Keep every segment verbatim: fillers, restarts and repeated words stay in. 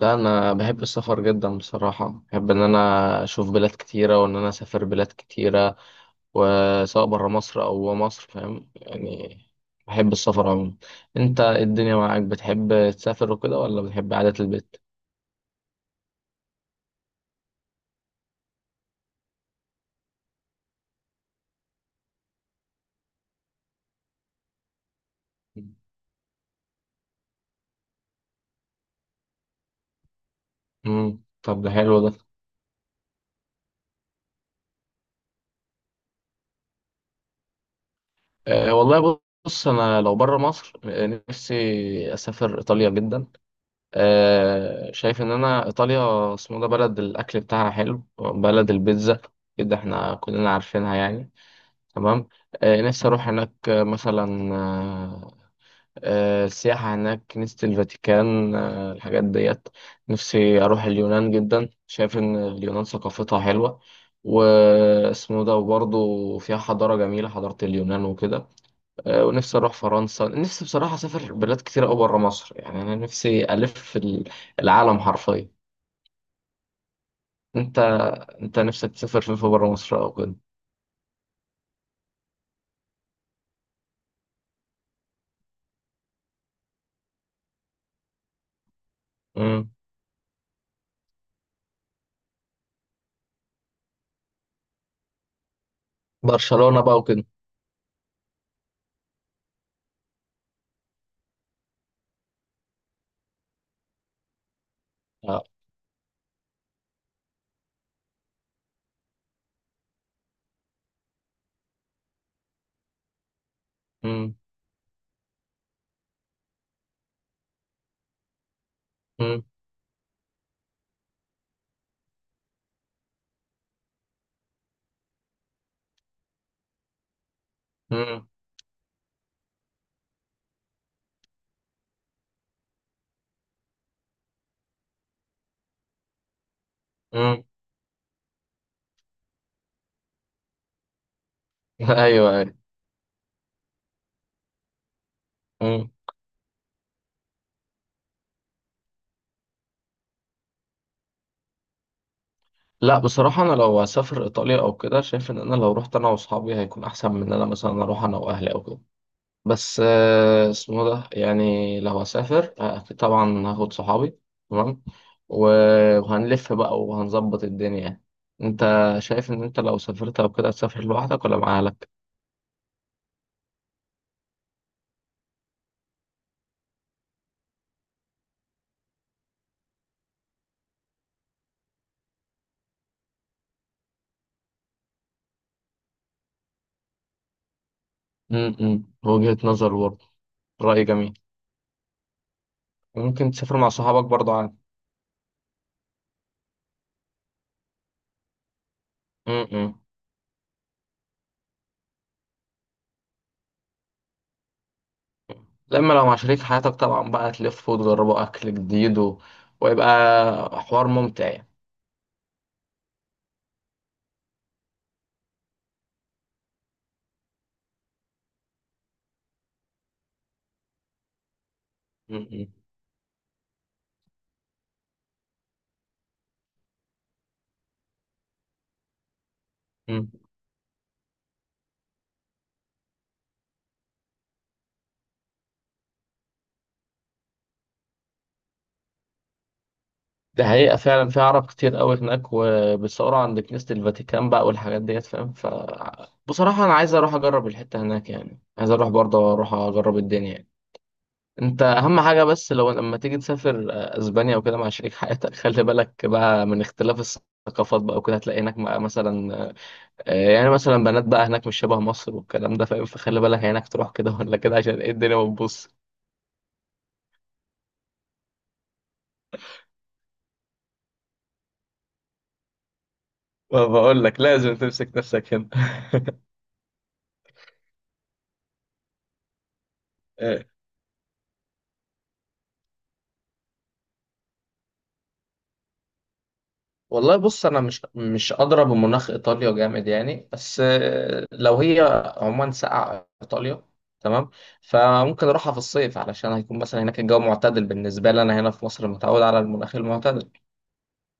لا، انا بحب السفر جدا بصراحه. بحب ان انا اشوف بلاد كتيره وان انا اسافر بلاد كتيره، وسواء بره مصر او جوه مصر. فاهم يعني، بحب السفر عموما. انت إيه الدنيا معاك؟ بتحب تسافر وكده ولا بتحب قعده البيت؟ امم طب ده حلو ده. أه والله، بص انا لو بره مصر آه، نفسي اسافر ايطاليا جدا. أه، شايف ان انا ايطاليا اسمه ده بلد الاكل بتاعها حلو، بلد البيتزا. كده احنا كلنا عارفينها يعني. تمام. آه نفسي أروح هناك، آه، مثلا آه آه، السياحة هناك، نفسي الفاتيكان، آه الحاجات ديت. نفسي أروح اليونان جدا، شايف إن اليونان ثقافتها حلوة واسمه ده، وبرضه فيها حضارة جميلة، حضارة اليونان وكده. آه ونفسي أروح فرنسا. نفسي بصراحة أسافر بلاد كتير أوي برا مصر. يعني أنا نفسي ألف في ال- العالم حرفيا. أنت أنت نفسك تسافر فين في برا مصر أو كده؟ مم. برشلونة بقى وكده. آه. مم. مم. مم. مم. ايوه ايوه. مم. لا، بصراحه انا لو هسافر ايطاليا او كده، شايف ان انا لو رحت انا واصحابي هيكون احسن من ان انا مثلا اروح انا واهلي او كده. بس آه، اسمه ده يعني لو هسافر، آه، أكيد طبعا هاخد صحابي. تمام. و- وهنلف بقى وهنظبط الدنيا يعني. انت شايف ان انت لو سافرت او كده هتسافر لوحدك ولا مع اهلك؟ امم وجهة نظر برضه. رأي جميل. ممكن تسافر مع صحابك برضه عادي. امم لما لو مع شريك حياتك طبعا بقى تلفوا وتجربوا أكل جديد و... ويبقى حوار ممتع يعني. م- م- م. ده حقيقة فعلا، في عرب كتير قوي هناك وبيصوروا عند كنيسة الفاتيكان بقى والحاجات ديت فاهم. ف بصراحة أنا عايز أروح أجرب الحتة هناك يعني، عايز أروح برضه أروح أجرب الدنيا يعني. أنت أهم حاجة بس لو لما تيجي تسافر آه، أسبانيا وكده مع شريك حياتك، خلي بالك بقى من اختلاف الثقافات بقى وكده. هتلاقي هناك بقى مثلا، آه، يعني مثلا بنات بقى هناك مش شبه مصر والكلام ده فاهم. فخلي بالك هناك تروح كده ولا كده عشان ايه الدنيا ما تبص. فبقول لك لازم تمسك نفسك هنا. آه، والله بص، انا مش مش ادرى بمناخ ايطاليا جامد يعني، بس آه، لو هي عموما ساقعه ايطاليا، تمام، فممكن اروحها في الصيف علشان هيكون مثلا هناك الجو معتدل بالنسبه لي. انا هنا في مصر متعود على المناخ المعتدل،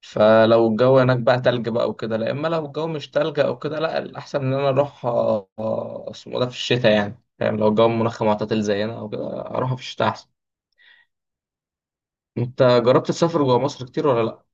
فلو الجو هناك بقى تلج بقى وكده لا. اما لو الجو مش تلج او كده، لا الاحسن ان انا اروح آه، آه، اسمه ده في الشتاء يعني فاهم. لو الجو منخم معتدل زينا او كده اروح في الشتاء احسن. انت جربت تسافر جوه مصر كتير ولا لا؟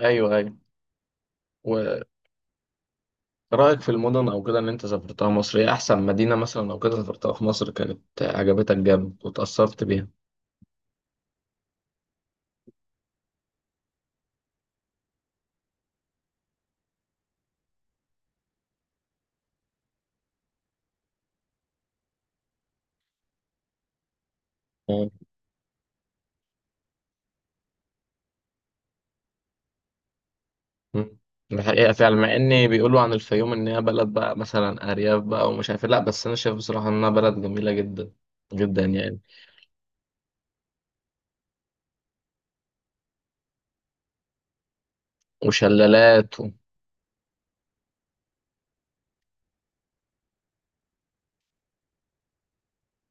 ايوه ايوه. ورأيك في المدن او كده اللي انت سافرتها مصر، ايه احسن مدينة مثلا او كده سافرتها في مصر كانت عجبتك جامد وتأثرت بيها؟ مم. مم. الحقيقة فعلا مع ان بيقولوا عن الفيوم ان هي بلد بقى مثلا ارياف بقى ومش عارف إيه. لا، بس انا شايف بصراحة انها بلد جميلة جدا. جدا يعني. وشلالات و...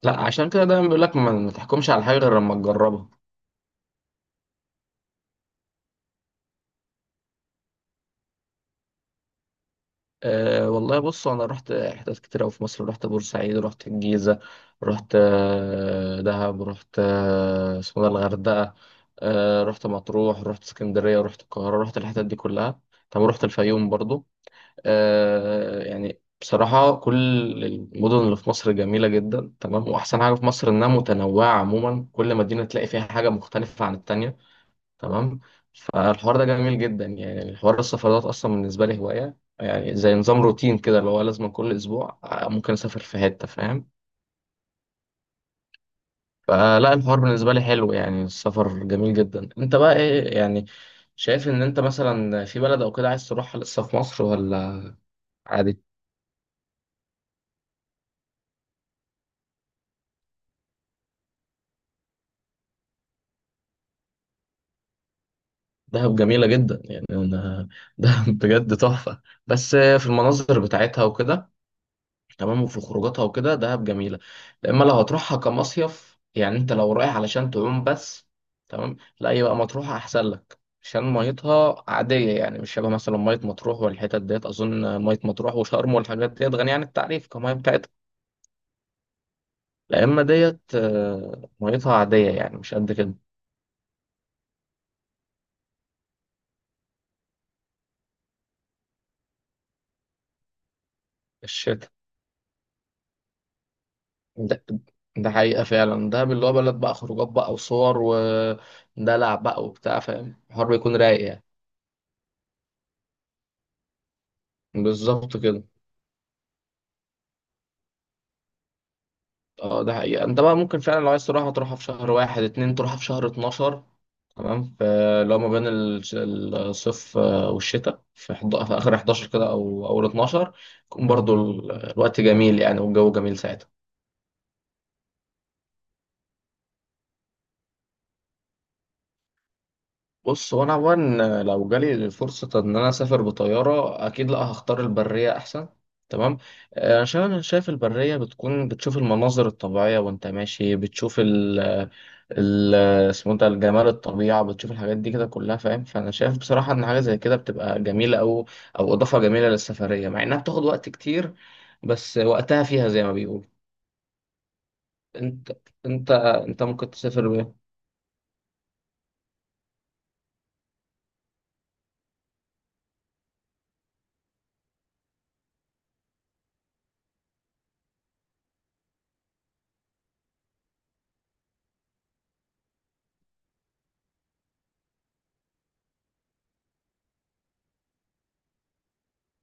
لا عشان كده دايما بيقول لك ما ما تحكمش على حاجه غير لما تجربها. أه والله، بص انا رحت حتت كتير قوي في مصر. رحت بورسعيد، رحت الجيزه، رحت آه، دهب، رحت آه، اسمه ده الغردقه، أه رحت مطروح، رحت اسكندريه، رحت القاهره، رحت الحتت دي كلها. طب رحت الفيوم برضو. أه يعني بصراحة كل المدن اللي في مصر جميلة جدا، تمام، وأحسن حاجة في مصر إنها متنوعة عموما. كل مدينة تلاقي فيها حاجة مختلفة عن التانية، تمام. فالحوار ده جميل جدا يعني. الحوار السفرات اصلا بالنسبه لي هوايه يعني، زي نظام روتين كده اللي هو لازم كل اسبوع آه، ممكن اسافر في حته فاهم. فلا الحوار بالنسبه لي حلو يعني، السفر جميل جدا. انت بقى ايه يعني شايف ان انت مثلا في بلد او كده عايز تروحها لسه في مصر ولا عادي؟ دهب جميله جدا يعني. انا دهب بجد تحفه، بس في المناظر بتاعتها وكده، تمام، وفي خروجاتها وكده، دهب جميلة. اما لو هتروحها كمصيف يعني، انت لو رايح علشان تعوم بس، تمام، لا يبقى مطروح احسن لك عشان ميتها عادية يعني، مش شبه مثلا مية مطروح والحتت ديت. أظن مية مطروح وشرم والحاجات ديت غنية عن التعريف كمية بتاعتها. لا إما ديت آه، ميتها عادية يعني مش قد كده. الشتاء ده, ده حقيقة فعلا، ده اللي هو بلد بقى خروجات بقى وصور ودلع بقى وبتاع فاهم، الحوار بيكون رايق يعني. بالظبط كده. اه ده حقيقة. انت بقى ممكن فعلا لو عايز تروحها تروحها في شهر واحد اتنين، تروحها في شهر اتناشر، تمام. فلو ما بين الش- الصيف آه، والشتاء في, حض... في اخر حداشر كده او اول اتناشر يكون برضو ال- الوقت جميل يعني، والجو جميل ساعتها. بص هو انا عموما لو جالي الفرصه ان انا اسافر بطياره، اكيد لا، هختار البريه احسن، تمام. آه، عشان انا شايف البريه بتكون بتشوف المناظر الطبيعيه، وانت ماشي بتشوف ال ال اسمه ده الجمال، الطبيعه، بتشوف الحاجات دي كده كلها فاهم. فانا شايف بصراحه ان حاجه زي كده بتبقى جميله، او او اضافه جميله للسفريه مع انها بتاخد وقت كتير، بس وقتها فيها زي ما بيقولوا. انت انت انت ممكن تسافر بيه.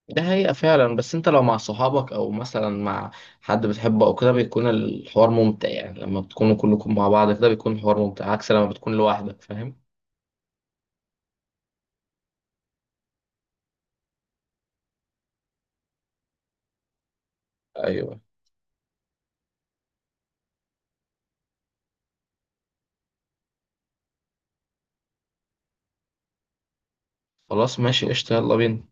ده حقيقة فعلا. بس انت لو مع صحابك او مثلا مع حد بتحبه او كده بيكون الحوار ممتع يعني، لما بتكونوا كلكم مع بعض كده بيكون الحوار ممتع عكس لما بتكون لوحدك فاهم. ايوه. خلاص ماشي قشطة، يلا بينا.